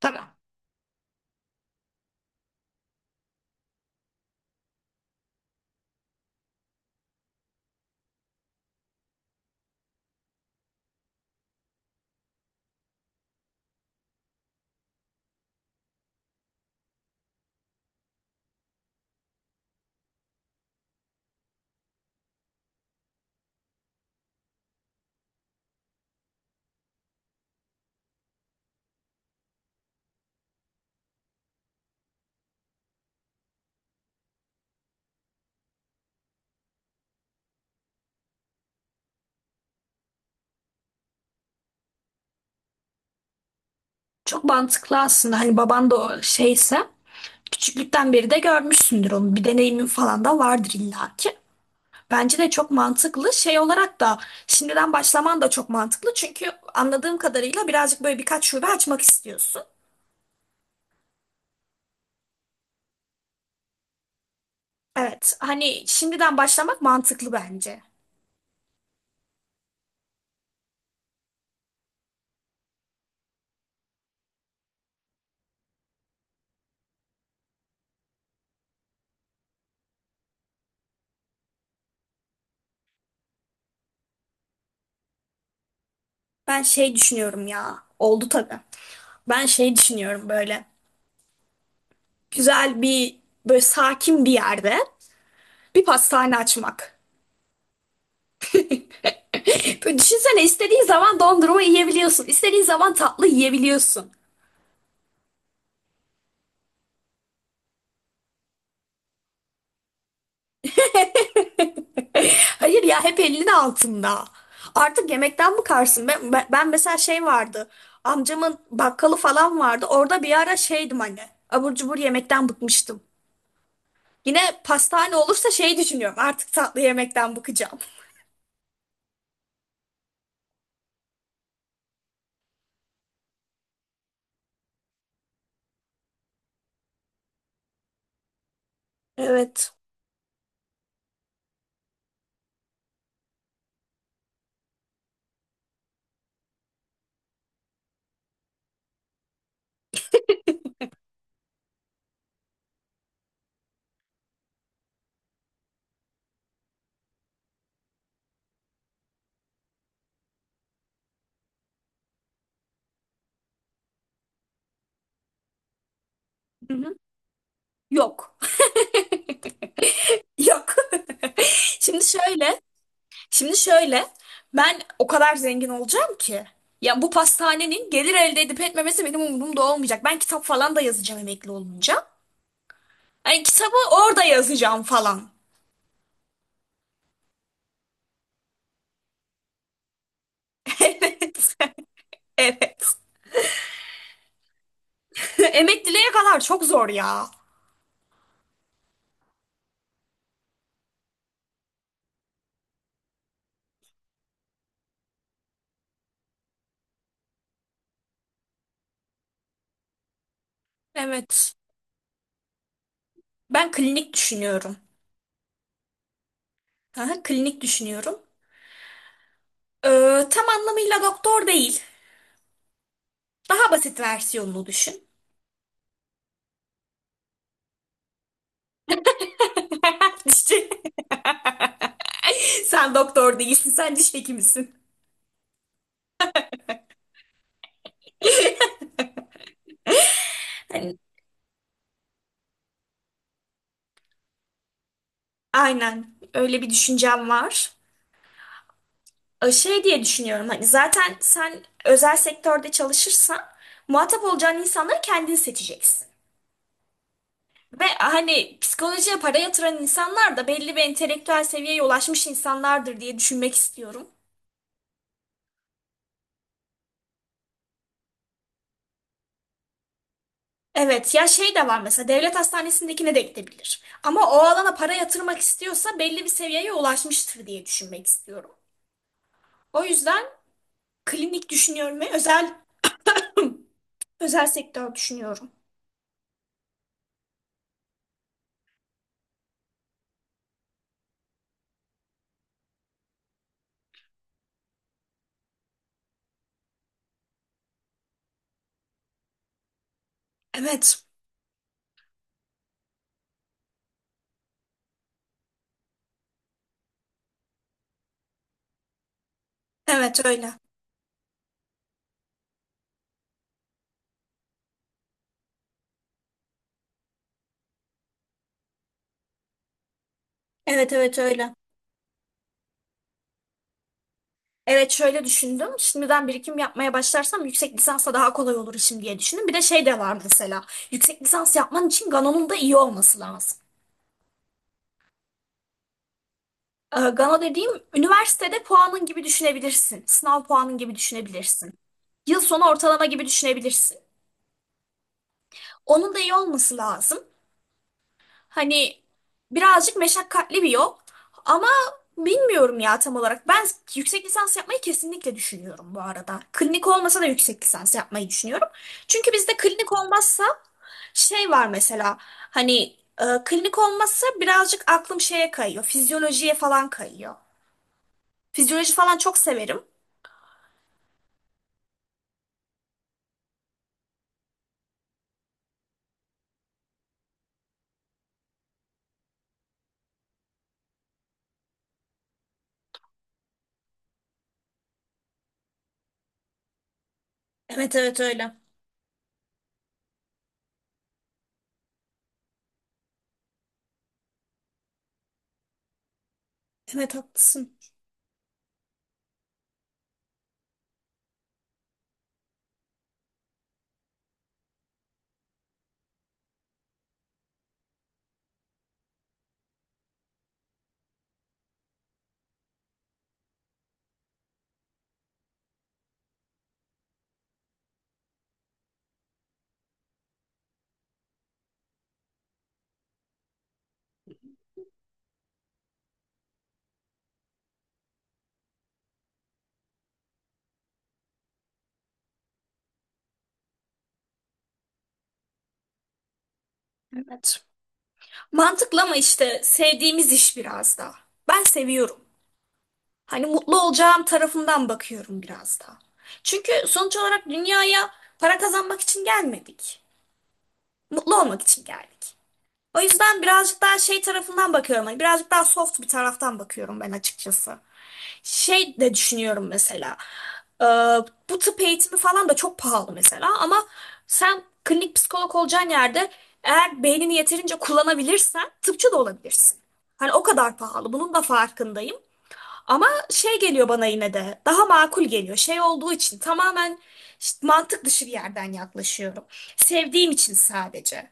Tabii. Çok mantıklı aslında. Hani baban da o şeyse küçüklükten beri de görmüşsündür onu. Bir deneyimin falan da vardır illaki. Bence de çok mantıklı. Şey olarak da şimdiden başlaman da çok mantıklı. Çünkü anladığım kadarıyla birazcık böyle birkaç şube açmak istiyorsun. Evet. Hani şimdiden başlamak mantıklı bence. Ben şey düşünüyorum ya. Oldu tabii. Ben şey düşünüyorum böyle. Güzel bir böyle sakin bir yerde bir pastane açmak. Böyle düşünsene, istediğin zaman dondurma yiyebiliyorsun. İstediğin zaman tatlı yiyebiliyorsun. Hayır ya, hep elinin altında. Artık yemekten bıkarsın. Ben mesela şey vardı. Amcamın bakkalı falan vardı. Orada bir ara şeydim hani. Abur cubur yemekten bıkmıştım. Yine pastane olursa şey düşünüyorum. Artık tatlı yemekten bıkacağım. Evet. Hı hı. Yok. Yok. Şimdi şöyle. Şimdi şöyle, ben o kadar zengin olacağım ki. Ya bu pastanenin gelir elde edip etmemesi benim umurumda olmayacak. Ben kitap falan da yazacağım emekli olunca. Yani kitabı orada yazacağım falan. Evet. Evet. Emekliliğe kadar çok zor ya. Evet. Ben klinik düşünüyorum. Aha, klinik düşünüyorum. Tam anlamıyla doktor değil. Daha basit versiyonunu düşün. Dişçi. Sen doktor değilsin, sen diş hekimisin. Hani aynen öyle bir düşüncem var. Şey diye düşünüyorum, hani zaten sen özel sektörde çalışırsan muhatap olacağın insanları kendin seçeceksin. Ve hani psikolojiye para yatıran insanlar da belli bir entelektüel seviyeye ulaşmış insanlardır diye düşünmek istiyorum. Evet ya, şey de var mesela, devlet hastanesindekine de gidebilir. Ama o alana para yatırmak istiyorsa belli bir seviyeye ulaşmıştır diye düşünmek istiyorum. O yüzden klinik düşünüyorum ve özel sektör düşünüyorum. Evet. Evet öyle. Evet evet öyle. Evet şöyle düşündüm. Şimdiden birikim yapmaya başlarsam yüksek lisansa daha kolay olur işim diye düşündüm. Bir de şey de var mesela. Yüksek lisans yapman için Gano'nun da iyi olması lazım. Gano dediğim üniversitede puanın gibi düşünebilirsin. Sınav puanın gibi düşünebilirsin. Yıl sonu ortalama gibi düşünebilirsin. Onun da iyi olması lazım. Hani birazcık meşakkatli bir yol ama bilmiyorum ya tam olarak. Ben yüksek lisans yapmayı kesinlikle düşünüyorum bu arada. Klinik olmasa da yüksek lisans yapmayı düşünüyorum. Çünkü bizde klinik olmazsa şey var mesela hani, klinik olmazsa birazcık aklım şeye kayıyor. Fizyolojiye falan kayıyor. Fizyoloji falan çok severim. Evet evet öyle. Evet haklısın. Evet. Mantıklı ama işte sevdiğimiz iş biraz da. Ben seviyorum. Hani mutlu olacağım tarafından bakıyorum biraz da. Çünkü sonuç olarak dünyaya para kazanmak için gelmedik. Mutlu olmak için geldik. O yüzden birazcık daha şey tarafından bakıyorum. Hani birazcık daha soft bir taraftan bakıyorum ben açıkçası. Şey de düşünüyorum mesela. Ee, Bu tıp eğitimi falan da çok pahalı mesela. Ama sen klinik psikolog olacağın yerde eğer beynini yeterince kullanabilirsen tıpçı da olabilirsin. Hani o kadar pahalı. Bunun da farkındayım. Ama şey geliyor bana, yine de daha makul geliyor. Şey olduğu için tamamen işte mantık dışı bir yerden yaklaşıyorum. Sevdiğim için sadece.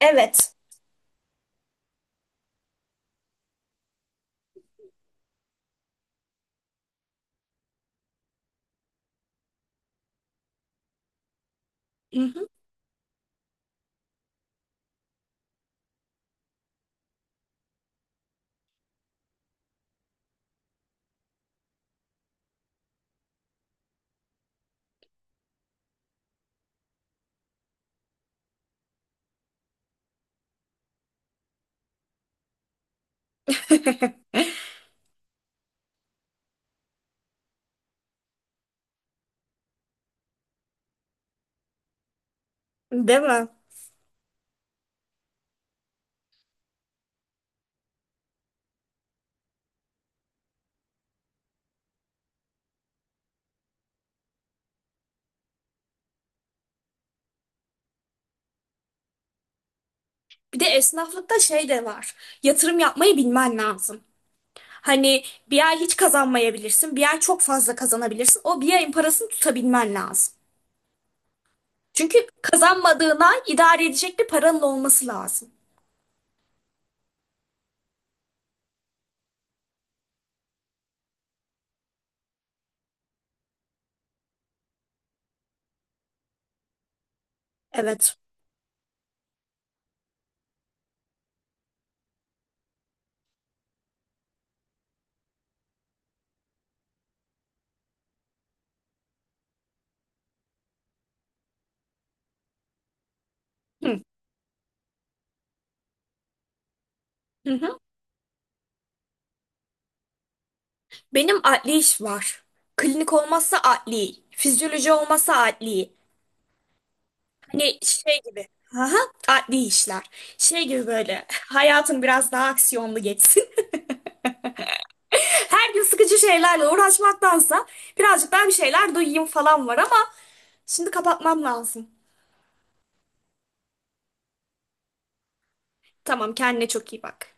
Evet. Hı hı. Değil mi? Bir de esnaflıkta şey de var. Yatırım yapmayı bilmen lazım. Hani bir ay hiç kazanmayabilirsin, bir ay çok fazla kazanabilirsin. O bir ayın parasını tutabilmen lazım. Çünkü kazanmadığına idare edecek bir paranın olması lazım. Evet. Hı. Hı hı. Benim adli iş var. Klinik olmazsa adli, fizyoloji olmazsa adli. Hani şey gibi. Aha, adli işler. Şey gibi böyle hayatın biraz daha aksiyonlu geçsin. Her gün sıkıcı şeylerle uğraşmaktansa birazcık daha bir şeyler duyayım falan var ama şimdi kapatmam lazım. Tamam, kendine çok iyi bak.